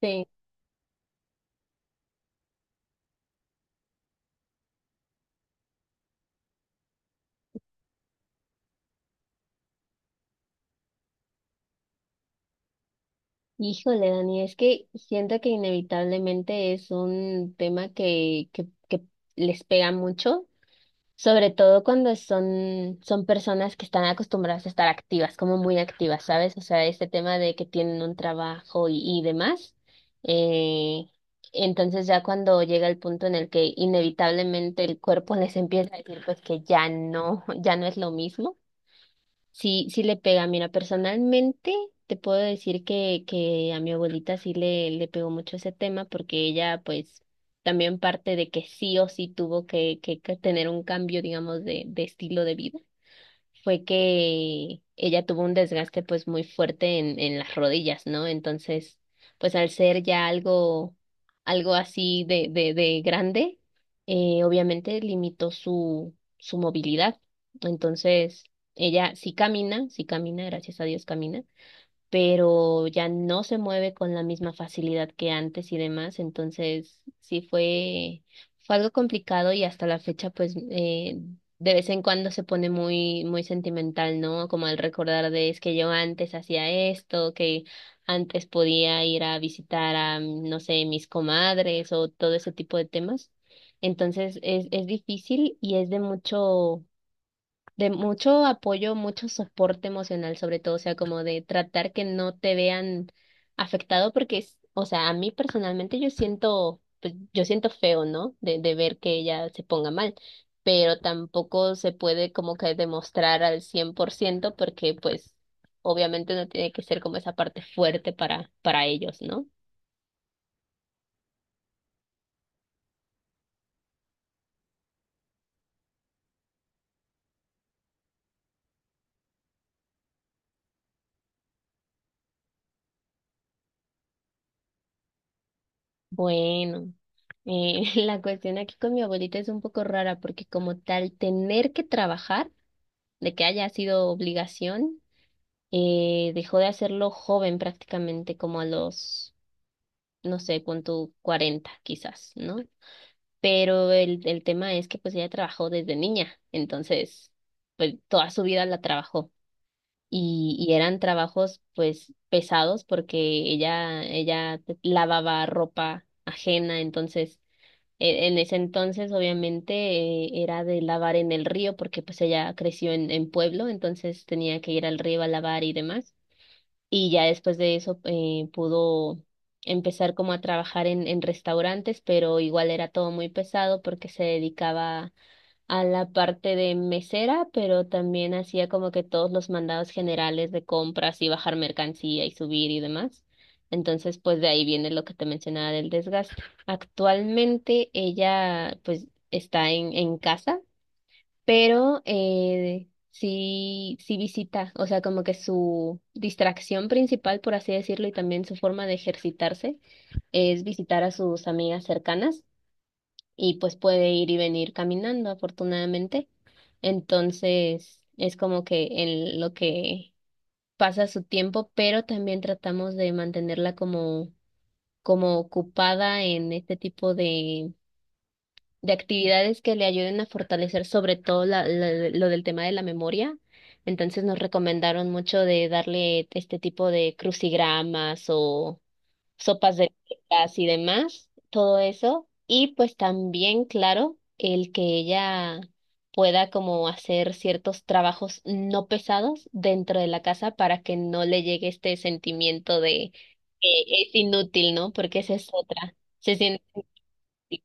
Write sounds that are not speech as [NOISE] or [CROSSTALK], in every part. Sí, híjole, Dani, es que siento que inevitablemente es un tema que les pega mucho, sobre todo cuando son personas que están acostumbradas a estar activas, como muy activas, ¿sabes? O sea, este tema de que tienen un trabajo y demás. Eh, entonces ya cuando llega el punto en el que inevitablemente el cuerpo les empieza a decir pues que ya no, [LAUGHS] ya no es lo mismo. Sí, sí le pega. Mira, personalmente te puedo decir que a mi abuelita sí le pegó mucho ese tema porque ella pues también parte de que sí o sí tuvo que tener un cambio, digamos, de estilo de vida fue que ella tuvo un desgaste pues muy fuerte en las rodillas, ¿no? Entonces, pues al ser ya algo, algo así de grande, obviamente limitó su movilidad. Entonces, ella sí camina, gracias a Dios camina pero ya no se mueve con la misma facilidad que antes y demás, entonces sí fue, fue algo complicado y hasta la fecha pues de vez en cuando se pone muy, muy sentimental, ¿no? Como al recordar de es que yo antes hacía esto, que antes podía ir a visitar a, no sé, mis comadres o todo ese tipo de temas. Entonces es difícil y es de mucho apoyo, mucho soporte emocional, sobre todo, o sea, como de tratar que no te vean afectado, porque es, o sea, a mí personalmente yo siento, pues, yo siento feo, ¿no? De ver que ella se ponga mal, pero tampoco se puede como que demostrar al 100% porque, pues, obviamente uno tiene que ser como esa parte fuerte para ellos, ¿no? Bueno. [LAUGHS] La cuestión aquí con mi abuelita es un poco rara porque como tal, tener que trabajar de que haya sido obligación, dejó de hacerlo joven prácticamente, como a los, no sé, pon 40 quizás, ¿no? Pero el tema es que pues ella trabajó desde niña, entonces pues toda su vida la trabajó y eran trabajos pues pesados porque ella lavaba ropa ajena, entonces en ese entonces, obviamente, era de lavar en el río porque pues ella creció en pueblo, entonces tenía que ir al río a lavar y demás. Y ya después de eso pudo empezar como a trabajar en restaurantes, pero igual era todo muy pesado porque se dedicaba a la parte de mesera, pero también hacía como que todos los mandados generales de compras y bajar mercancía y subir y demás. Entonces, pues de ahí viene lo que te mencionaba del desgaste. Actualmente ella pues está en casa, pero sí, sí visita, o sea, como que su distracción principal, por así decirlo, y también su forma de ejercitarse es visitar a sus amigas cercanas y pues puede ir y venir caminando, afortunadamente. Entonces, es como que en lo que pasa su tiempo, pero también tratamos de mantenerla como, como ocupada en este tipo de actividades que le ayuden a fortalecer sobre todo lo del tema de la memoria. Entonces nos recomendaron mucho de darle este tipo de crucigramas o sopas de letras y demás, todo eso. Y pues también, claro, el que ella pueda como hacer ciertos trabajos no pesados dentro de la casa para que no le llegue este sentimiento de que es inútil, ¿no? Porque esa es otra. Se siente inútil.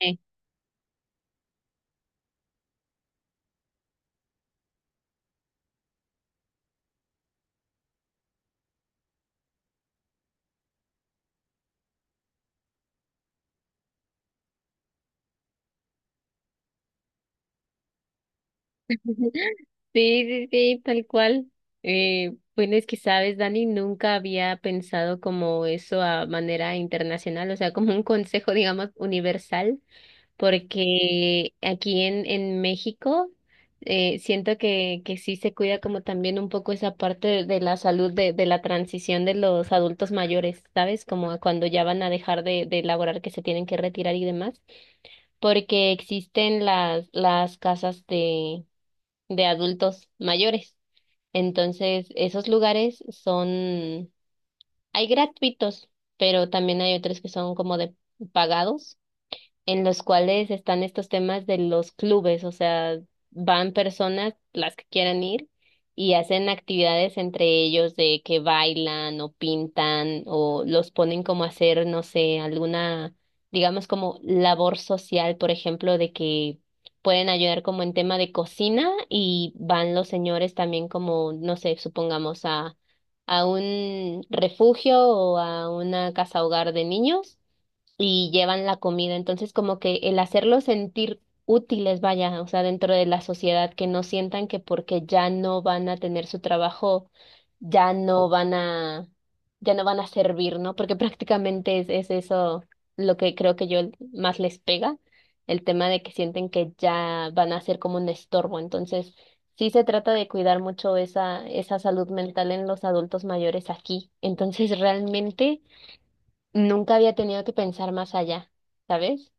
Eh. [LAUGHS] Sí, sí, sí, tal cual. Bueno, es que sabes, Dani, nunca había pensado como eso a manera internacional, o sea, como un consejo, [LAUGHS] digamos, universal porque aquí en México siento que sí se cuida como también un poco esa parte de la salud, de la transición de los adultos mayores, ¿sabes? Como cuando ya van a dejar de laborar, que se tienen que retirar y demás, porque existen las casas de adultos mayores. Entonces, esos lugares son, hay gratuitos, pero también hay otros que son como de pagados en los cuales están estos temas de los clubes, o sea, van personas, las que quieran ir, y hacen actividades entre ellos de que bailan o pintan o los ponen como a hacer, no sé, alguna, digamos como labor social, por ejemplo, de que pueden ayudar como en tema de cocina y van los señores también como, no sé, supongamos a un refugio o a una casa hogar de niños y llevan la comida. Entonces, como que el hacerlos sentir útiles, vaya, o sea, dentro de la sociedad, que no sientan que porque ya no van a tener su trabajo, ya no van a, ya no van a servir, ¿no? Porque [LAUGHS] prácticamente es eso lo que creo que yo más les pega, el tema de que sienten que ya van a ser como un estorbo. Entonces, sí se trata de cuidar mucho esa, esa salud mental en los adultos mayores aquí. Entonces, realmente nunca había tenido que pensar más allá, ¿sabes?